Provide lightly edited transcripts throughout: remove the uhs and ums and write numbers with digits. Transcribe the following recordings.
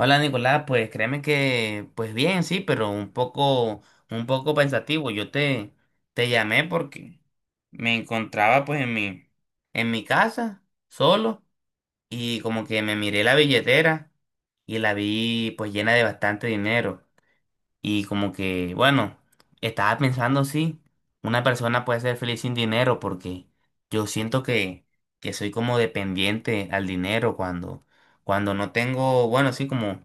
Hola Nicolás, pues créeme que, pues bien, sí, pero un poco pensativo. Te llamé porque me encontraba pues en en mi casa, solo, y como que me miré la billetera y la vi pues llena de bastante dinero. Y como que, bueno, estaba pensando, sí, una persona puede ser feliz sin dinero porque yo siento que soy como dependiente al dinero cuando no tengo, bueno, sí, como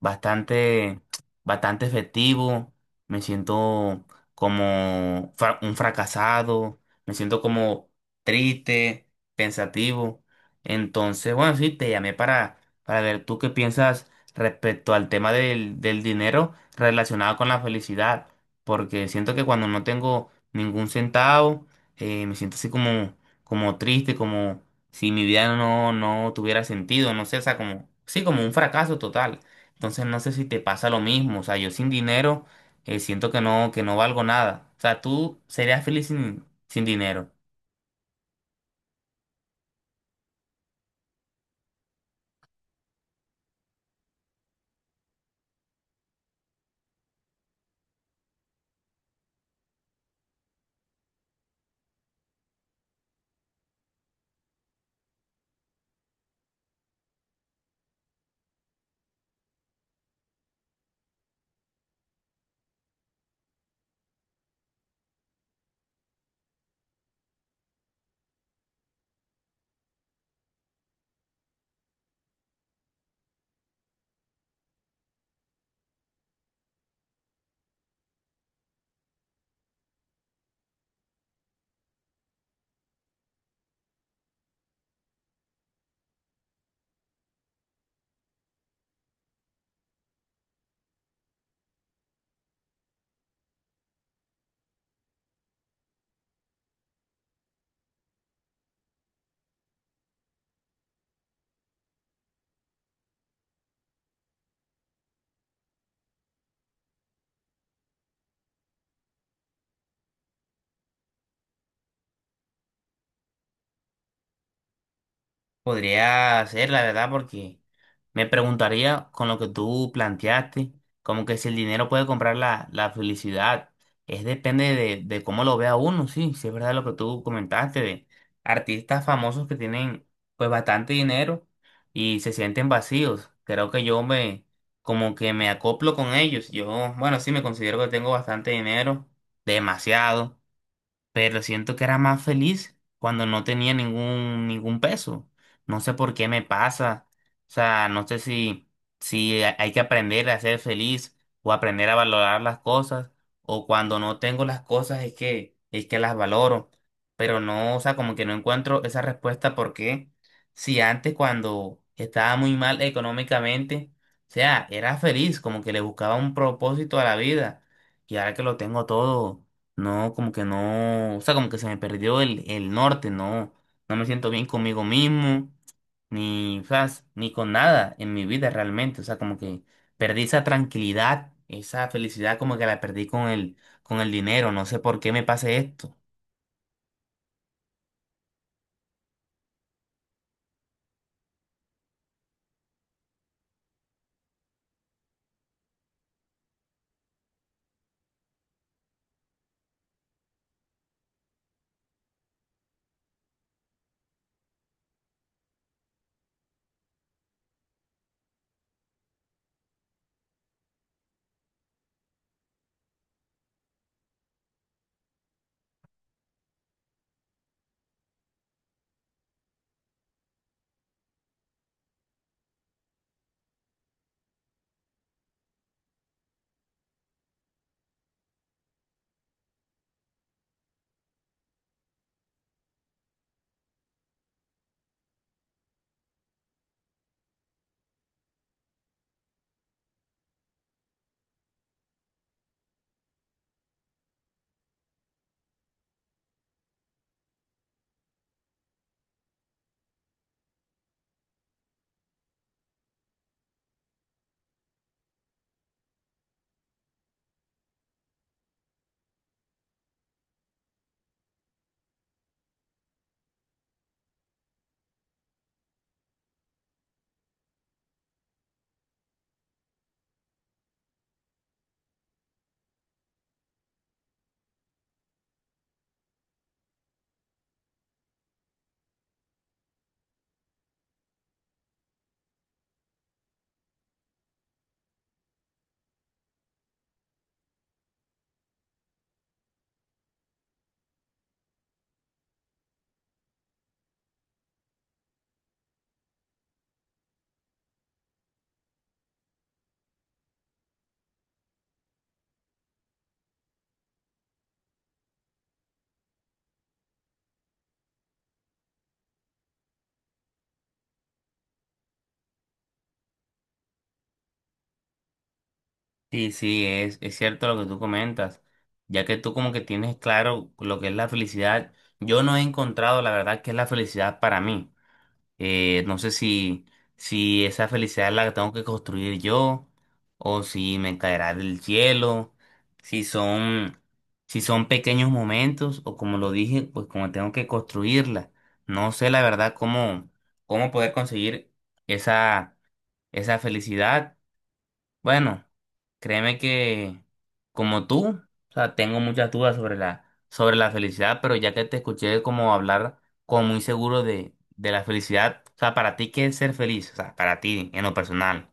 bastante, bastante efectivo, me siento como un fracasado, me siento como triste, pensativo. Entonces, bueno, sí, te llamé para ver tú qué piensas respecto al tema del dinero relacionado con la felicidad, porque siento que cuando no tengo ningún centavo, me siento así como, como triste, como si mi vida no tuviera sentido, no sé, o sea, como, sí, como un fracaso total. Entonces no sé si te pasa lo mismo, o sea, yo sin dinero, siento que que no valgo nada. O sea, tú serías feliz sin dinero. Podría ser, la verdad, porque me preguntaría con lo que tú planteaste, como que si el dinero puede comprar la felicidad, es depende de cómo lo vea uno, sí, sí es verdad lo que tú comentaste, de artistas famosos que tienen pues bastante dinero y se sienten vacíos. Creo que como que me acoplo con ellos. Yo, bueno, sí me considero que tengo bastante dinero, demasiado, pero siento que era más feliz cuando no tenía ningún peso. No sé por qué me pasa. O sea, no sé si, si hay que aprender a ser feliz o aprender a valorar las cosas o cuando no tengo las cosas es es que las valoro. Pero no, o sea, como que no encuentro esa respuesta porque si antes cuando estaba muy mal económicamente, o sea, era feliz, como que le buscaba un propósito a la vida y ahora que lo tengo todo. No, como que no, o sea, como que se me perdió el norte, no, no me siento bien conmigo mismo, ni, o sea, ni con nada en mi vida realmente, o sea, como que perdí esa tranquilidad, esa felicidad, como que la perdí con con el dinero, no sé por qué me pase esto. Sí, sí, es cierto lo que tú comentas, ya que tú como que tienes claro lo que es la felicidad, yo no he encontrado la verdad que es la felicidad para mí. No sé si, si esa felicidad la tengo que construir yo o si me caerá del cielo, si son, si son pequeños momentos o como lo dije, pues como tengo que construirla. No sé la verdad cómo, cómo poder conseguir esa, esa felicidad. Bueno, créeme que como tú, o sea, tengo muchas dudas sobre la felicidad, pero ya que te escuché como hablar como muy seguro de la felicidad, o sea, para ti, ¿qué es ser feliz? O sea, para ti, en lo personal.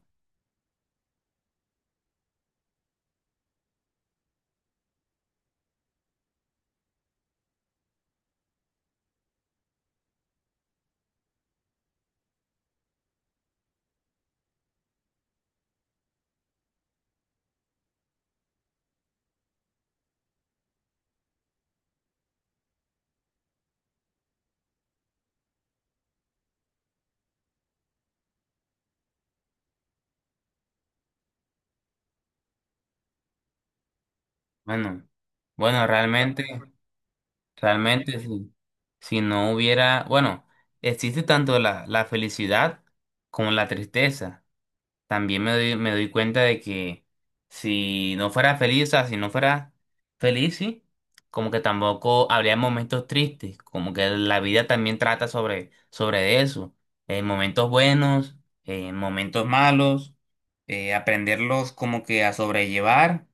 Bueno, bueno, realmente, realmente sí. Si no hubiera, bueno, existe tanto la, la felicidad como la tristeza. También me doy cuenta de que si no fuera feliz, o sea, si no fuera feliz, sí, como que tampoco habría momentos tristes, como que la vida también trata sobre, sobre eso, momentos buenos, momentos malos, aprenderlos como que a sobrellevar,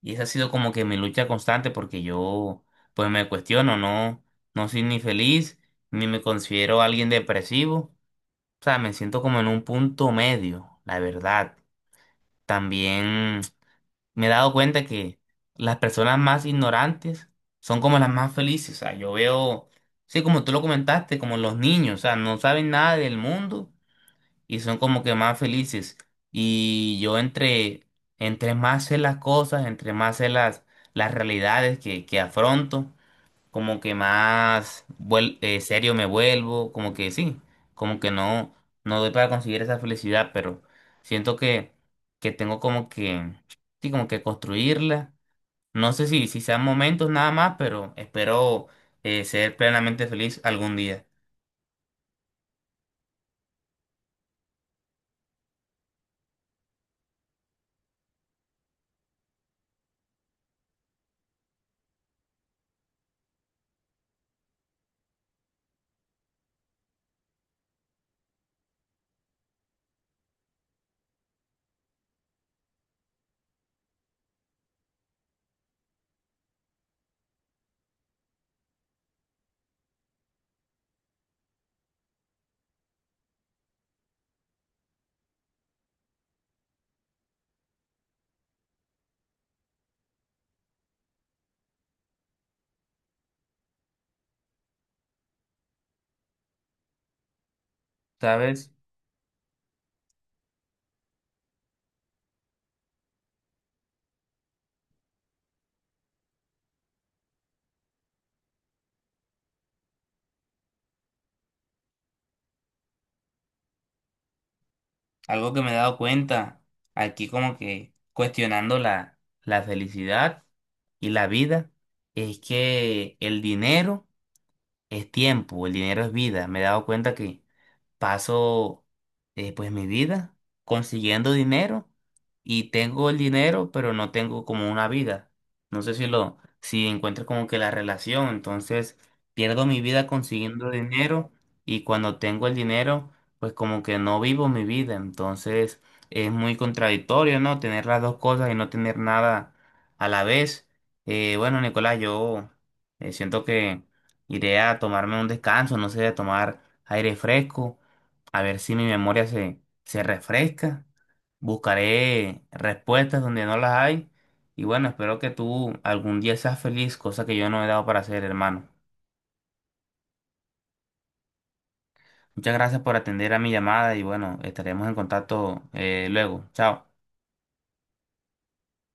y esa ha sido como que mi lucha constante porque yo pues me cuestiono, no, no soy ni feliz, ni me considero alguien depresivo. O sea, me siento como en un punto medio, la verdad. También me he dado cuenta que las personas más ignorantes son como las más felices. O sea, yo veo, sí, como tú lo comentaste, como los niños, o sea, no saben nada del mundo y son como que más felices. Y yo entre, entre más sé las cosas, entre más sé las realidades que afronto, como que más serio me vuelvo, como que sí, como que no, no doy para conseguir esa felicidad, pero siento que tengo como que, sí, como que construirla. No sé si, si sean momentos nada más, pero espero ser plenamente feliz algún día. ¿Sabes? Algo que me he dado cuenta aquí como que cuestionando la, la felicidad y la vida es que el dinero es tiempo, el dinero es vida. Me he dado cuenta que, paso, pues mi vida consiguiendo dinero y tengo el dinero, pero no tengo como una vida. No sé si lo, si encuentro como que la relación, entonces pierdo mi vida consiguiendo dinero y cuando tengo el dinero, pues como que no vivo mi vida. Entonces es muy contradictorio, ¿no? Tener las dos cosas y no tener nada a la vez. Bueno, Nicolás, yo siento que iré a tomarme un descanso, no sé, a tomar aire fresco a ver si mi memoria se, se refresca. Buscaré respuestas donde no las hay. Y bueno, espero que tú algún día seas feliz, cosa que yo no he dado para hacer, hermano. Muchas gracias por atender a mi llamada y bueno, estaremos en contacto luego. Chao.